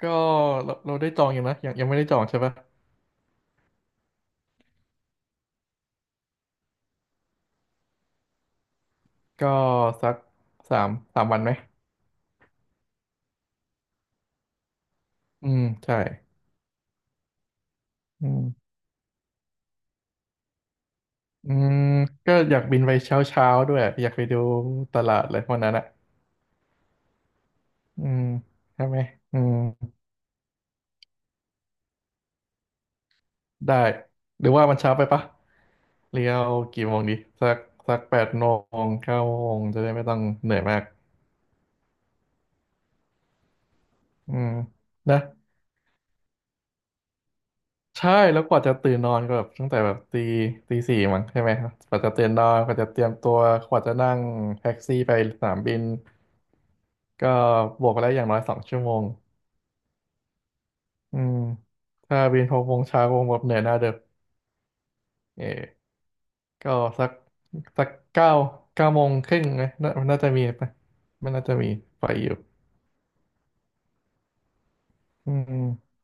ก็เราได้จองอยู่นะยังไม่ได้จองใช่ปะก็สักสามวันไหมอืมใช่อืมอืมก็อยากบินไปเช้าเช้าด้วยอยากไปดูตลาดเลยวันนั้นอ่ะอืมใช่ไหมอืมได้หรือว่ามันเช้าไปปะเรียวกี่โมงดีสักสัก8 โมงเก้าโมงจะได้ไม่ต้องเหนื่อยมากอืมนะ ใช่แล้วกว่าจะตื่นนอนก็แบบตั้งแต่แบบตีสี่มั้งใช่ไหมครับกว่าจะตื่นนอนกว่าจะเตรียมตัวกว่าจะนั่งแท็กซี่ไปสนามบินก็บวกไปแล้วอย่างน้อยสองชั่วโมงอืมถ้าบิน6 โมงเช้าคงแบบเหนื่อยหน้าเด็กเออก็สักสักเก้าโมงครึ่งไหมน่าจะมีปะน่าจะมีไฟอยู่อืม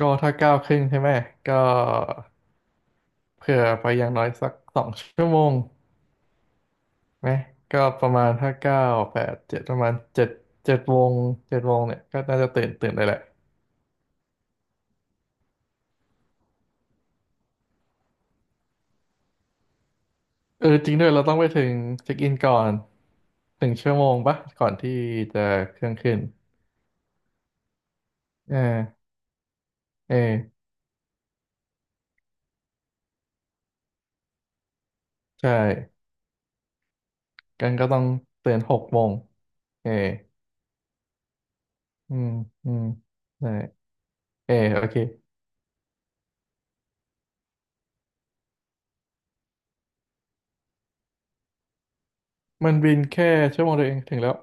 ก็ถ้า9 ครึ่งใช่ไหมก็เผื่อไปอย่างน้อยสักสองชั่วโมง นะก็ประมาณถ้าเก้าแปดเจ็ดประมาณเจ็ดเจ็ดวงเนี่ยก็น่าจะตื่นได้แหละเออจริงด้วยเราต้องไปถึงเช็คอินก่อน1 ชั่วโมงปะก่อนที่จะเครื่องขึ้นเออเออใช่กันก็ต้องตื่นหกโมงเอออืมอืมใช่เออโอเคมันบินแค่ชั่วโมงเดียวเองถึงแล้ว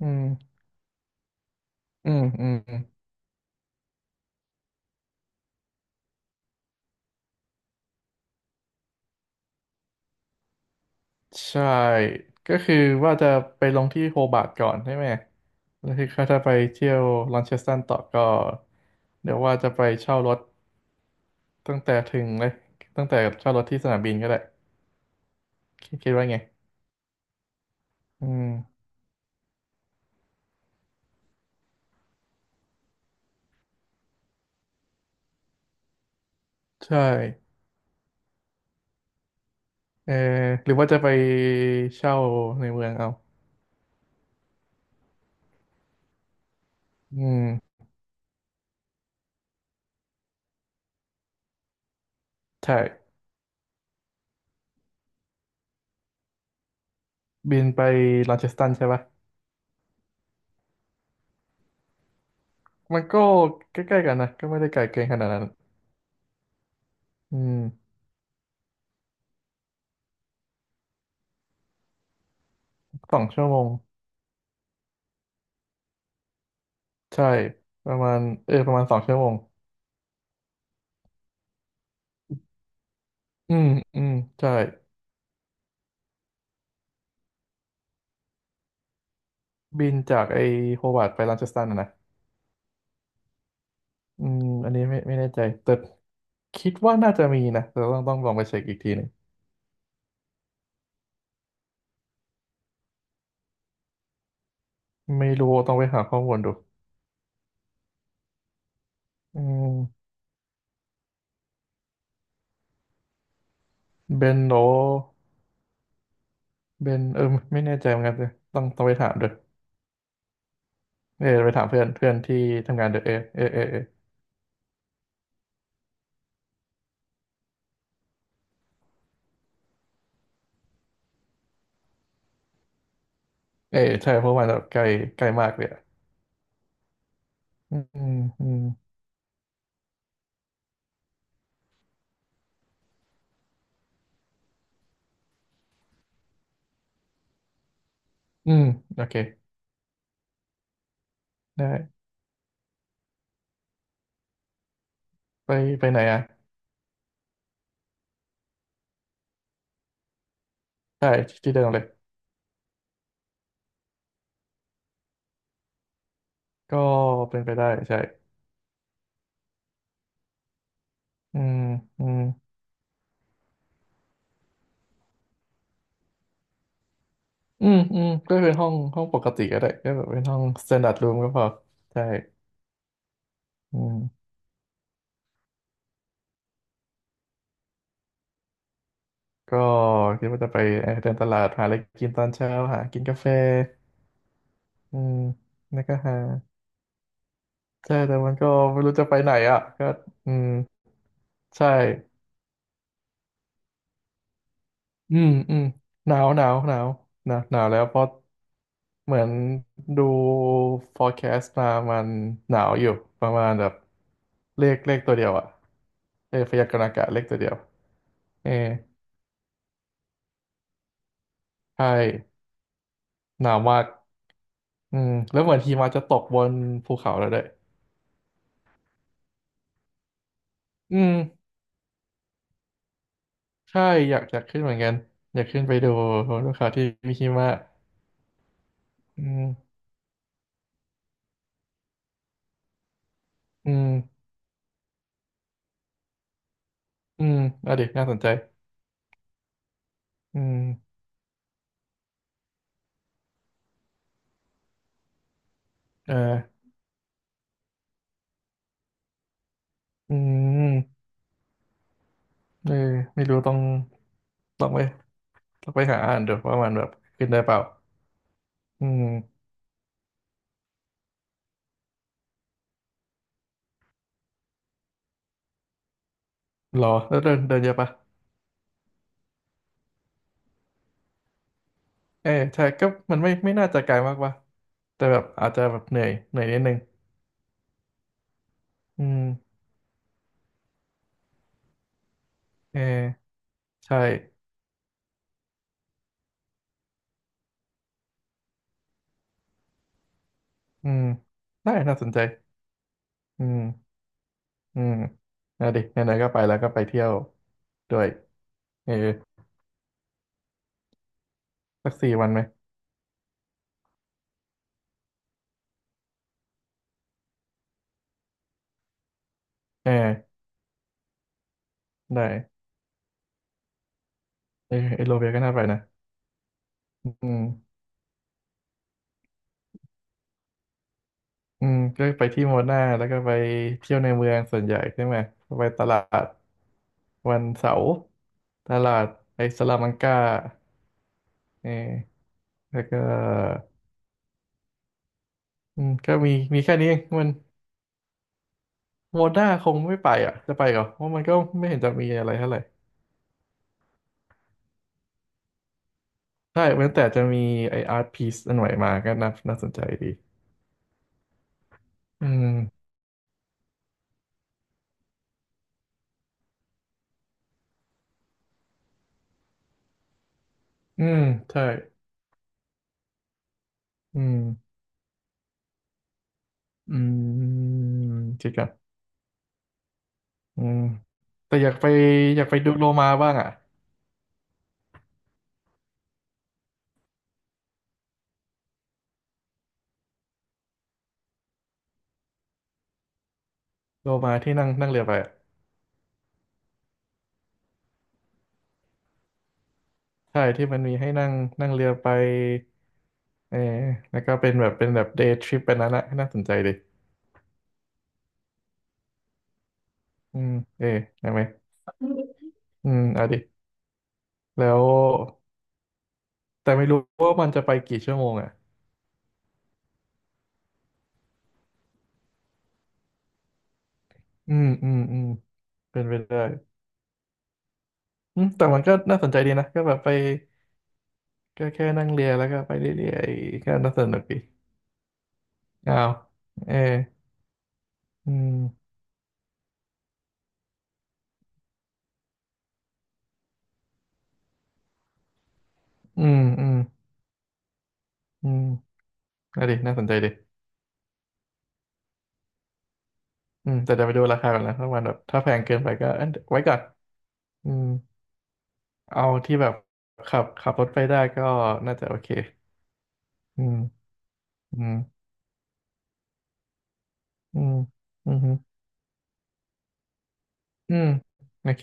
อืมอืมอืม ใช่ก็คือว่าจะไปลงที่โฮบาร์ตก่อนใช่ไหมแล้วที่เขาจะไปเที่ยวลอนเชสตันต่อก็เดี๋ยวว่าจะไปเช่ารถตั้งแต่ถึงเลยตั้งแต่เช่ารถที่สนามบินก็ได้คิดว่าไงอืมใช่เออหรือว่าจะไปเช่าในเมืองเอาอืมใช่บินไปลอนเชสตันใช่ปะมันก็ใกล้ๆกันนะก็ไม่ได้ไกลเกินขนาดนั้นอืมสองชั่วโมงใช่ประมาณเออประมาณสองชั่วโมง อืมอืมใช่บินจากไอโฮวาร์ดไปรันเชสตันนะอืมอันนี้ไม่แน่ใจแต่คิดว่าน่าจะมีนะแต่ต้องลองไปเช็คอีกทีหนึ่งไม่รู้ต้องไปหาข้อมูลดูอืมเบนโรเบนเออไม่แน่ใจเหมือนกันเลยต้องไปถามด้วยเออไปถามเพื่อนเพื่อนที่ทำงานเดอะAAAAเออใช่เพราะมันแบบใกล้ใกล้มากเลยอะอืมอืมอืมโอเคได้ไปไปไหนอ่ะใช่ที่เดิมเลยก็เป็นไปได้ใช่อืมอืม อืมอืมก็เป็นห้องปกติก็ได้ก็แบบเป็นห้อง standard room ก็พอใช่อืมก็คิดว่าจะไปเดินตลาดหาอะไรกินตอนเช้าหากินกาแฟอืมแล้วก็หาใช่แต่มันก็ไม่รู้จะไปไหนอ่ะก็อืมใช่อืมอืมหนาวหนาวหนาวหนาวหนาวแล้วเพราะเหมือนดู forecast มามันหนาวอยู่ประมาณแบบเลขตัวเดียวอ่ะเออพยากรณ์อากาศเลขตัวเดียวเออใช่ หนาวมากอืมแล้วเหมือนหิมะจะตกบนภูเขาแล้วด้วยอืมใช่ อยากขึ้นเหมือนกันอยากขึ้นไปดูภูเขาที่มีหิมะอืมอืมอืมอ่ะดิน่าสนใจอืมเอออืมเออไม่รู้ต้องไปต้องไปหาอ่านดูว่ามันแบบขึ้นได้เปล่าอืมรอแล้วเดินเดินเยอะปะเออใช่ก็มันไม่น่าจะไกลมากปะแต่แบบอาจจะแบบเหนื่อยเหนื่อยนิดนึงอืมเออใช่อืมได้น่าสนใจ อืมอืมเอาดิไหนๆก็ไปแล้วก็ไปเที่ยวด้วยเออสัก4 วันไหมเออได้เออเอโลเบียก็น่าไปนะอืมอืมก็ไปที่โมนาแล้วก็ไปเที่ยวในเมืองส่วนใหญ่ใช่ไหมไปตลาดวันเสาร์ตลาดไอสลามังกาเออแล้วก็อืมก็มีแค่นี้เองมันโมนาคงไม่ไปอ่ะจะไปเหรอเพราะมันก็ไม่เห็นจะมีอะไรเท่าไหร่ใช่เว้นแต่จะมีไออาร์ตพีซอันใหม่มาก็น่าสนใจดี อืมอืมใช่อืมอืมจริงครับอืมแต่อยากไปดูโลมาบ้างอ่ะโลมาที่นั่งนั่งเรือไปอะใช่ที่มันมีให้นั่งนั่งเรือไปเออแล้วก็เป็นแบบเดย์ทริปไปนั้นอะน่าสนใจดิอืมเออได้ไหมอืมเอาดิแล้วแต่ไม่รู้ว่ามันจะไปกี่ชั่วโมงอ่ะอืมอืมอืมเป็นไปได้อืมแต่มันก็น่าสนใจดีนะก็แบบไปก็แค่นั่งเรือแล้วก็ไปเรื่อยๆก็น่าสนุกดี อ้าวเอออืมอืมอืมอืมน่าดีน่าสนใจดีอืมแต่จะไปดูราคาก่อนนะถ้ามันแบบถ้าแพงเกินไปก็เอ้ยไว้ก่อนอืมเอาที่แบบขับรถไปได้ก็น่าจะโอเค อืม อืม อืมอืมฮึอืมโอเค